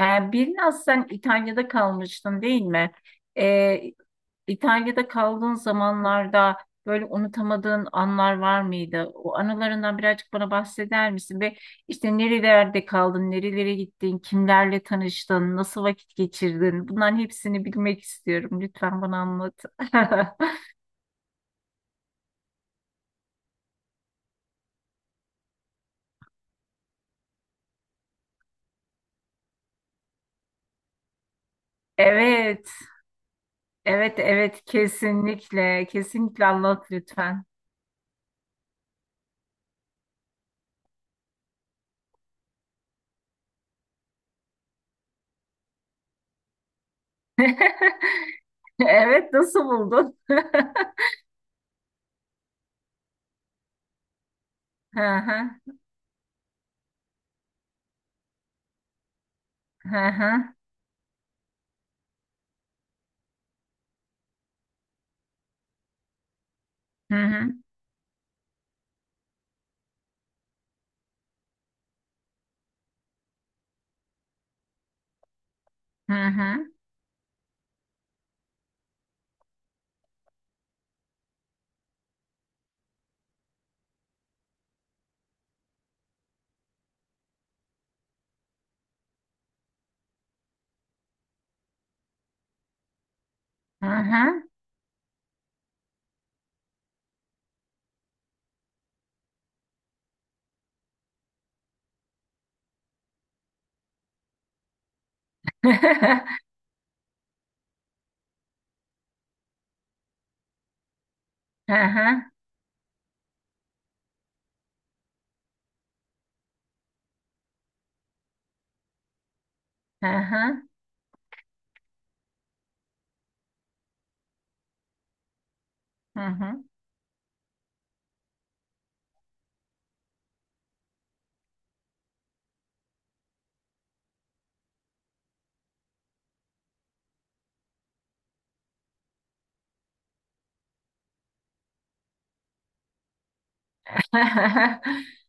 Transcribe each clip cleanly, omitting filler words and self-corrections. Biraz sen İtalya'da kalmıştın değil mi? Ee, İtalya'da kaldığın zamanlarda böyle unutamadığın anlar var mıydı? O anılarından birazcık bana bahseder misin? Ve işte nerelerde kaldın, nerelere gittin, kimlerle tanıştın, nasıl vakit geçirdin? Bunların hepsini bilmek istiyorum. Lütfen bana anlat. Evet, evet, evet, kesinlikle, kesinlikle anlat lütfen. Evet, nasıl buldun? Hı hı. Hı hı. Hı hı. Hı hı. Hı hı. Hı hı. Hı hı. Hı hı.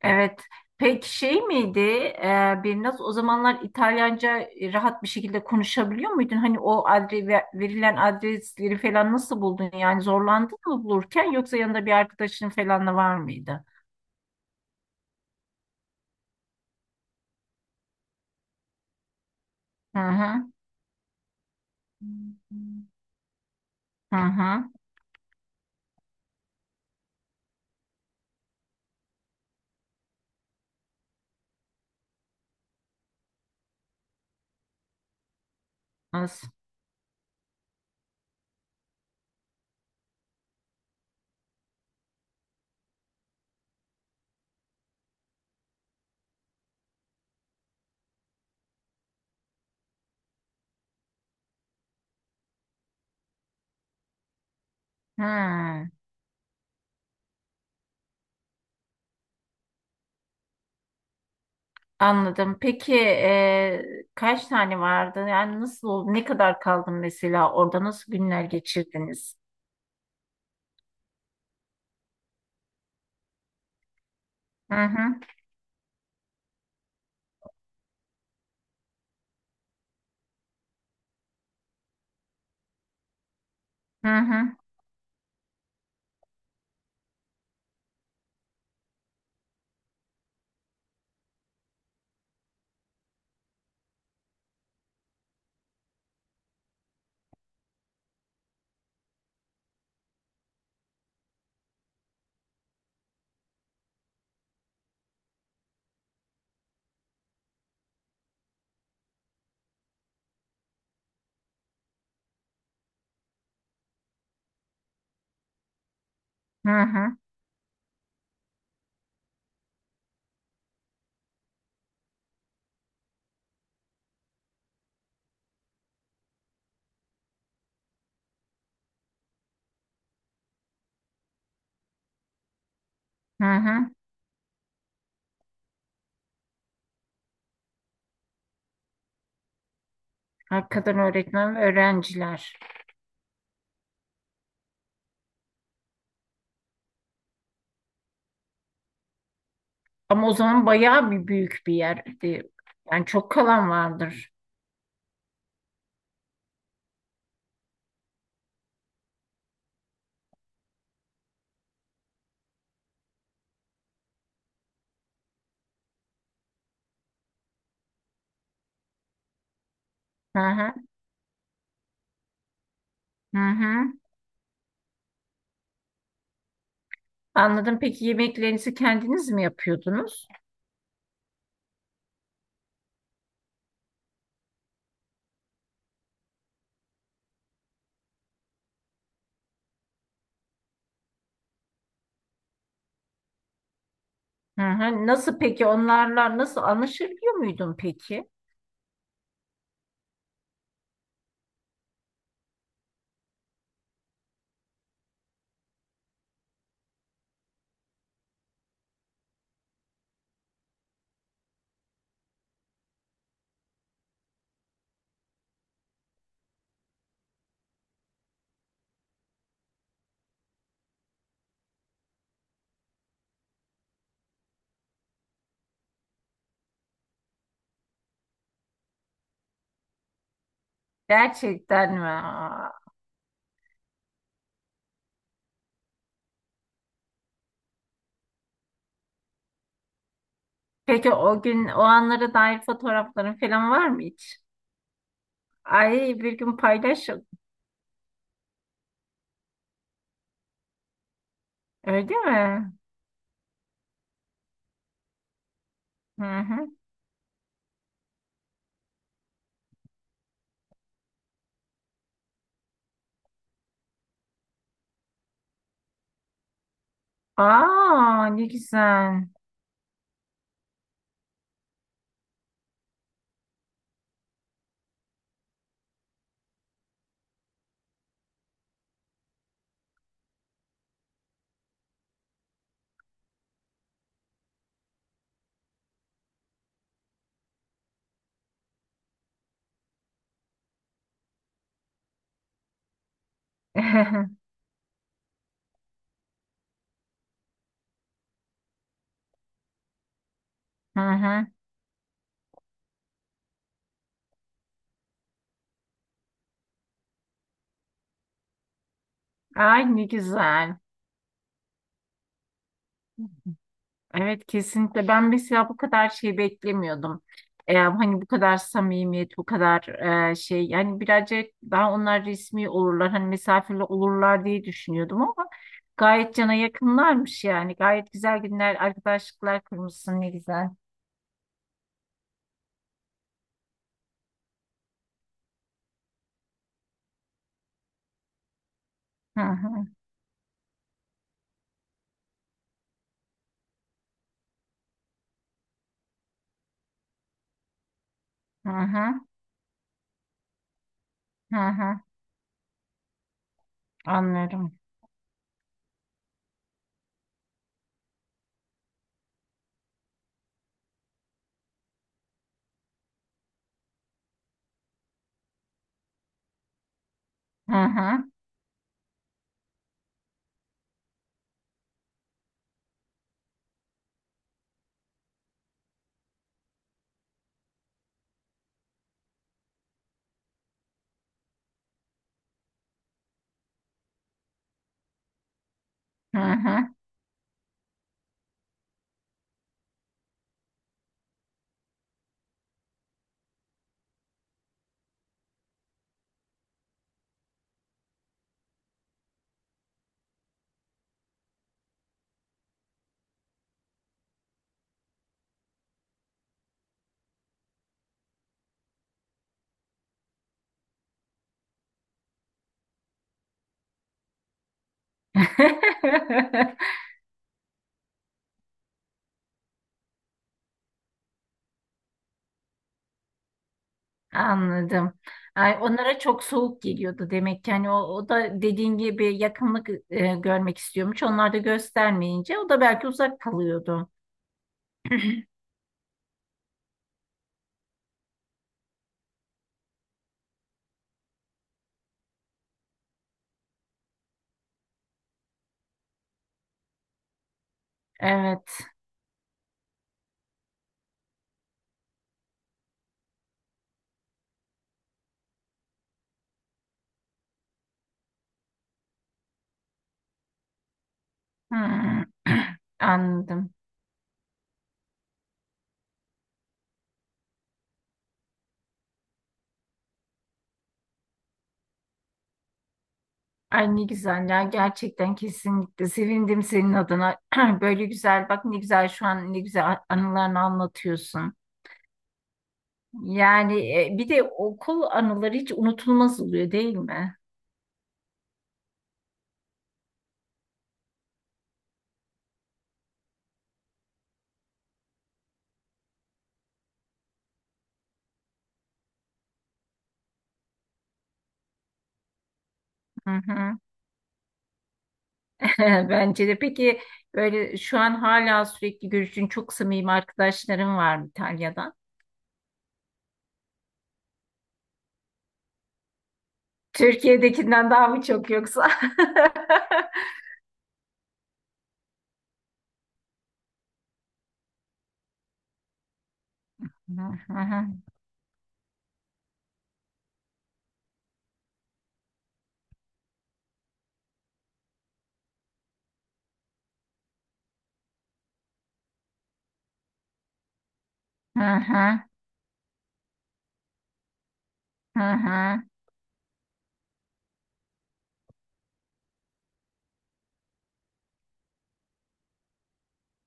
Evet. Peki şey miydi? E, Birnaz o zamanlar İtalyanca rahat bir şekilde konuşabiliyor muydun? Hani o adre, ve- verilen adresleri falan nasıl buldun? Yani zorlandın mı bulurken yoksa yanında bir arkadaşın falan da var mıydı? Hı hı. Hı hı. Nasıl? Hı. Anladım. Peki kaç tane vardı? Yani nasıl oldu? Ne kadar kaldın mesela? Orada nasıl günler geçirdiniz? Hı hı, hı hı, hı hı, hı hı. Hakikaten öğretmen ve öğrenciler. Ama o zaman bayağı bir büyük bir yerdi. Yani çok kalan vardır. Hı hı, hı hı. Anladım. Peki yemeklerinizi kendiniz mi yapıyordunuz? Hı hı. Nasıl peki onlarla nasıl anlaşabiliyor muydun peki? Gerçekten mi? Peki o gün o anlara dair fotoğrafların falan var mı hiç? Ay bir gün paylaş. Öyle mi? Hı hı. Aa ne güzel. Hı hı. Ay ne güzel. Evet kesinlikle. Ben mesela bu kadar şey beklemiyordum. Hani bu kadar samimiyet, bu kadar şey. Yani birazcık daha onlar resmi olurlar. Hani mesafeli olurlar diye düşünüyordum ama gayet cana yakınlarmış yani. Gayet güzel günler, arkadaşlıklar kurmuşsun ne güzel. Hı hı. Hı hı, hı hı, anlarım. Hı hı, hı hı. Anladım. Ay, onlara çok soğuk geliyordu demek ki. Hani o, o da dediğin gibi yakınlık görmek istiyormuş. Onlar da göstermeyince o da belki uzak kalıyordu. Evet. Hmm. Anladım. Ay ne güzel ya gerçekten kesinlikle sevindim senin adına. Böyle güzel bak ne güzel şu an ne güzel anılarını anlatıyorsun. Yani bir de okul anıları hiç unutulmaz oluyor değil mi? Hı hı. Bence de. Peki böyle şu an hala sürekli görüştüğün çok samimi arkadaşların var mı İtalya'dan? Türkiye'dekinden daha mı çok yoksa? Hı hı, hı hı, hı hı.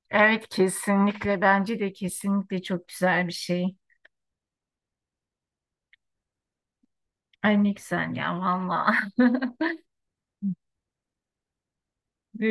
Evet kesinlikle bence de kesinlikle çok güzel bir şey. Ay ne güzel ya valla.